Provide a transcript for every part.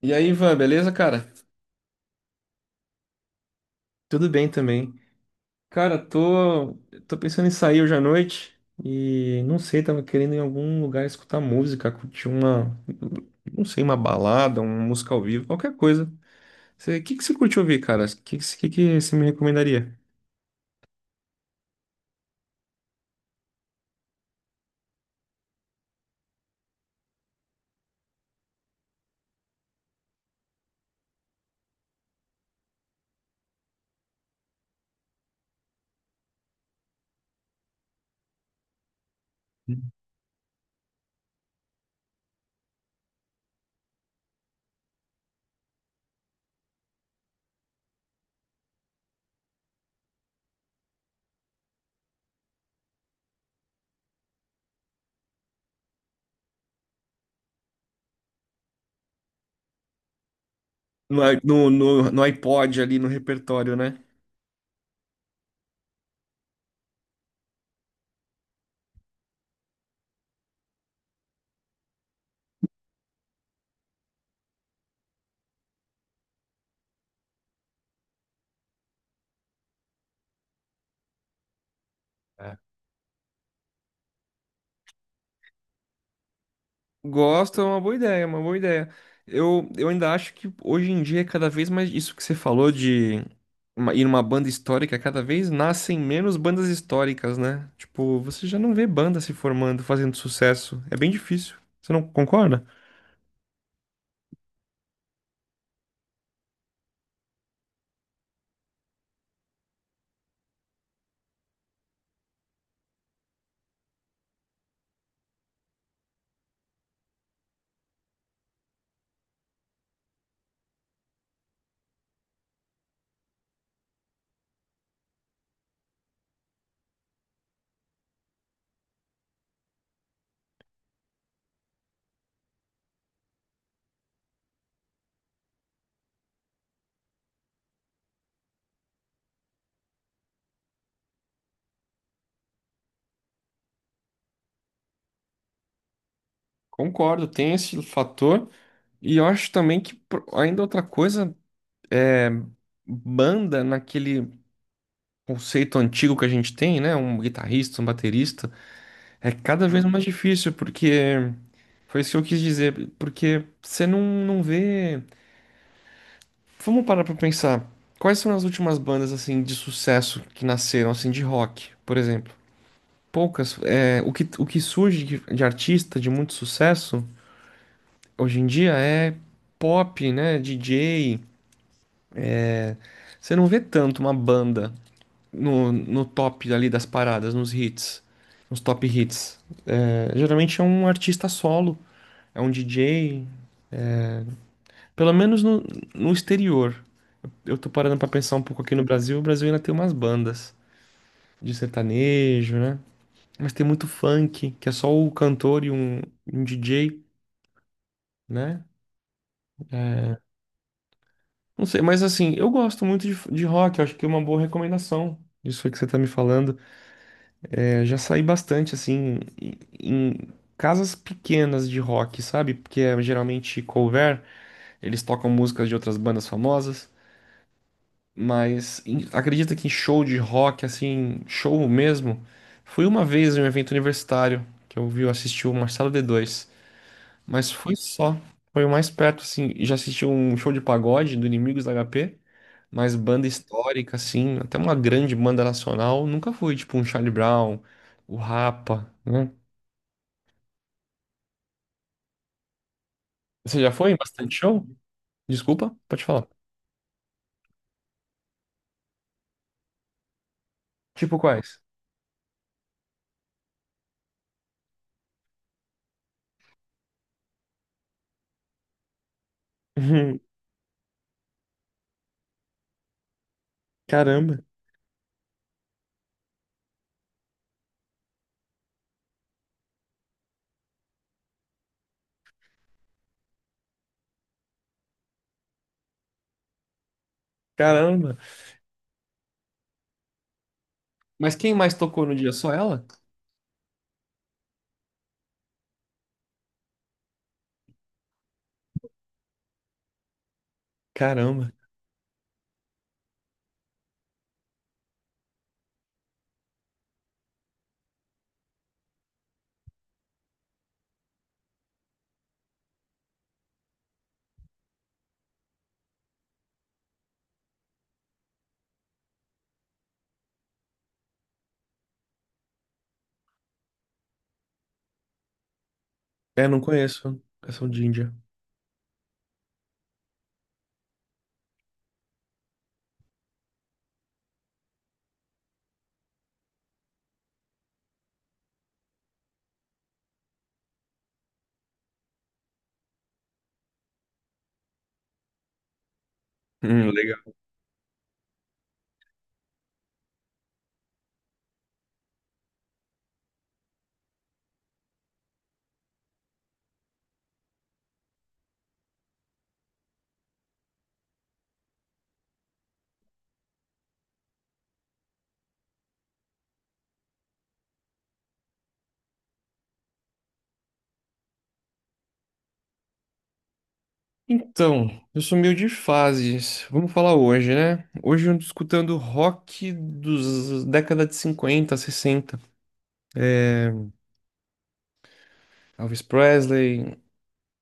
E aí, Ivan, beleza, cara? Tudo bem também. Cara, tô pensando em sair hoje à noite e não sei, tava querendo em algum lugar escutar música, curtir uma, não sei, uma balada, uma música ao vivo, qualquer coisa. O que que você curte ouvir, cara? O que você me recomendaria? No iPod ali, no repertório, né? Gosto, é uma boa ideia. Eu ainda acho que hoje em dia, é cada vez mais isso que você falou de ir numa banda histórica, cada vez nascem menos bandas históricas, né? Tipo, você já não vê banda se formando, fazendo sucesso. É bem difícil. Você não concorda? Concordo, tem esse fator. E eu acho também que ainda outra coisa, banda naquele conceito antigo que a gente tem, né? Um guitarrista, um baterista, é cada vez mais difícil, porque. Foi isso que eu quis dizer, porque você não, não vê. Vamos parar pra pensar. Quais são as últimas bandas assim de sucesso que nasceram assim de rock, por exemplo? Poucas. É, o que surge de artista de muito sucesso hoje em dia é pop, né? DJ. Você não vê tanto uma banda no top ali das paradas, nos hits, nos top hits. É, geralmente é um artista solo, é um DJ, pelo menos no exterior. Eu tô parando pra pensar um pouco aqui no Brasil. O Brasil ainda tem umas bandas de sertanejo, né? Mas tem muito funk, que é só o cantor e um DJ, né? É, não sei, mas assim, eu gosto muito de rock. Eu acho que é uma boa recomendação. Isso aí que você tá me falando. É, já saí bastante, assim, em casas pequenas de rock, sabe? Porque é geralmente cover, eles tocam músicas de outras bandas famosas. Mas acredita que em show de rock, assim, show mesmo, fui uma vez em um evento universitário que eu vi, eu assisti o Marcelo d dois, mas foi só. Foi o mais perto, assim, já assisti um show de pagode do Inimigos da HP, mas banda histórica, assim, até uma grande banda nacional, nunca fui, tipo um Charlie Brown, o Rapa, né? Você já foi em bastante show? Desculpa, pode falar. Tipo quais? Caramba, caramba. Mas quem mais tocou no dia? Só ela? Caramba. É, não conheço. Canção de Índia. Legal. Então, eu sou meio de fases. Vamos falar hoje, né? Hoje eu ando escutando rock dos décadas de 50, 60. É, Elvis Presley,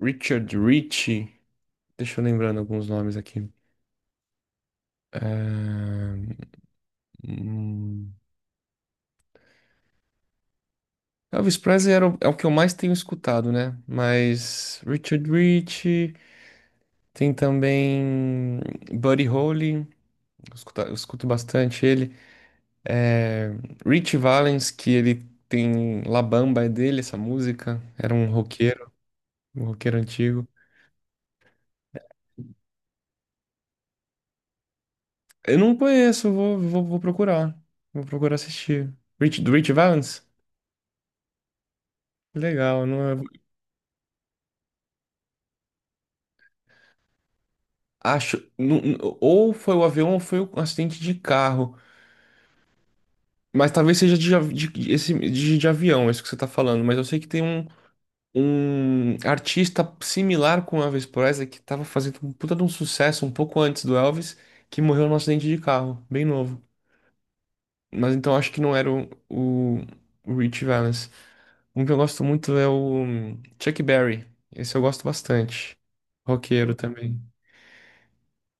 Richard Rich. Deixa eu lembrando alguns nomes aqui. É, hum, Elvis Presley é o que eu mais tenho escutado, né? Mas Richard Rich, tem também Buddy Holly, eu escuto bastante ele. É, Rich Valens, que ele tem La Bamba, é dele essa música. Era um roqueiro antigo. Eu não conheço, vou procurar. Vou procurar assistir. Rich, do Rich Valens? Legal, não é- Acho. Ou foi o avião ou foi um acidente de carro. Mas talvez seja de, av- de- esse, de avião, é isso que você tá falando. Mas eu sei que tem um artista similar com o Elvis Presley que tava fazendo um puta de um sucesso um pouco antes do Elvis, que morreu num acidente de carro, bem novo. Mas então acho que não era o Rich Valens. Um que eu gosto muito é o Chuck Berry. Esse eu gosto bastante. Roqueiro também.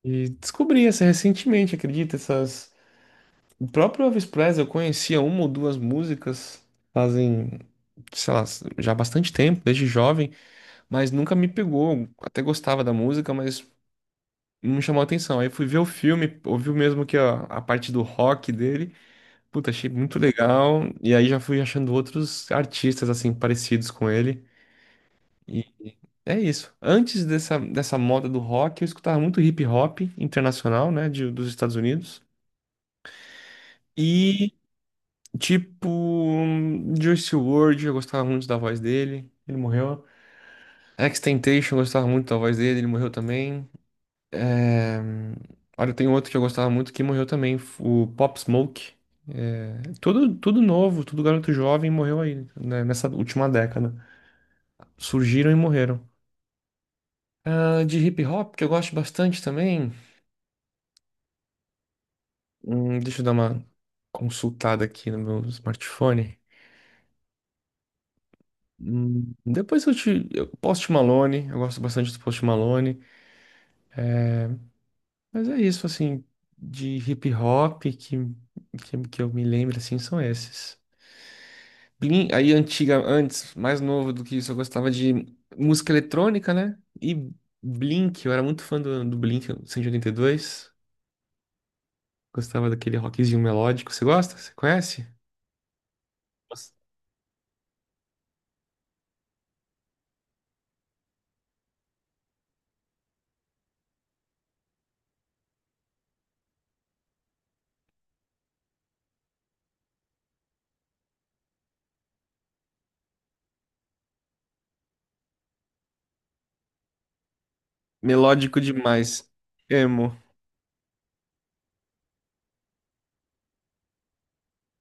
E descobri essa recentemente, acredita? Essas... O próprio Elvis Presley eu conhecia uma ou duas músicas fazem, sei lá, já bastante tempo, desde jovem, mas nunca me pegou. Até gostava da música, mas não me chamou a atenção. Aí fui ver o filme, ouvi mesmo que a parte do rock dele. Puta, achei muito legal. E aí já fui achando outros artistas, assim, parecidos com ele. E é isso. Antes dessa moda do rock, eu escutava muito hip hop internacional, né, dos Estados Unidos. E, tipo, Juice WRLD, eu gostava muito da voz dele. Ele morreu. XXXTentacion, eu gostava muito da voz dele. Ele morreu também. É, olha, tem outro que eu gostava muito que morreu também, o Pop Smoke. É, tudo, tudo novo, tudo garoto jovem morreu aí, né, nessa última década. Surgiram e morreram. Ah, de hip hop, que eu gosto bastante também. Hum, deixa eu dar uma consultada aqui no meu smartphone. Depois eu te. Eu, Post Malone, eu gosto bastante do Post Malone. Mas é isso, assim, de hip hop que eu me lembro, assim, são esses. Aí antiga, antes, mais novo do que isso, eu gostava de música eletrônica, né? E Blink, eu era muito fã do Blink 182. Gostava daquele rockzinho melódico. Você gosta? Você conhece? Nossa. Melódico demais. Emo.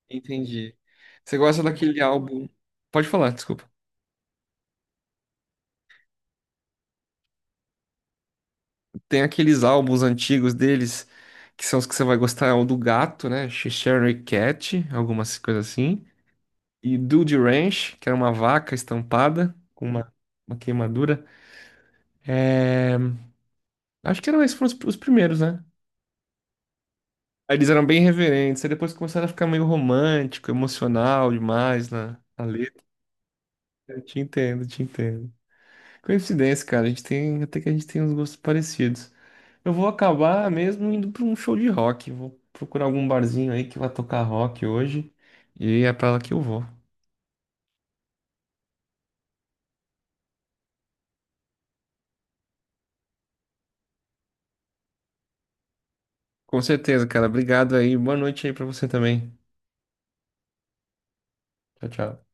Entendi. Você gosta daquele álbum? Pode falar, desculpa. Tem aqueles álbuns antigos deles, que são os que você vai gostar, é o do gato, né? Sherry Cat, algumas coisas assim. E Dude Ranch, que era uma vaca estampada com uma queimadura. É, acho que eram esses foram os primeiros, né? Aí eles eram bem reverentes, aí depois começaram a ficar meio romântico, emocional demais na letra. Te entendo. Coincidência, cara, até que a gente tem uns gostos parecidos. Eu vou acabar mesmo indo para um show de rock. Vou procurar algum barzinho aí que vai tocar rock hoje. E é pra lá que eu vou. Com certeza, cara. Obrigado aí. Boa noite aí pra você também. Tchau, tchau.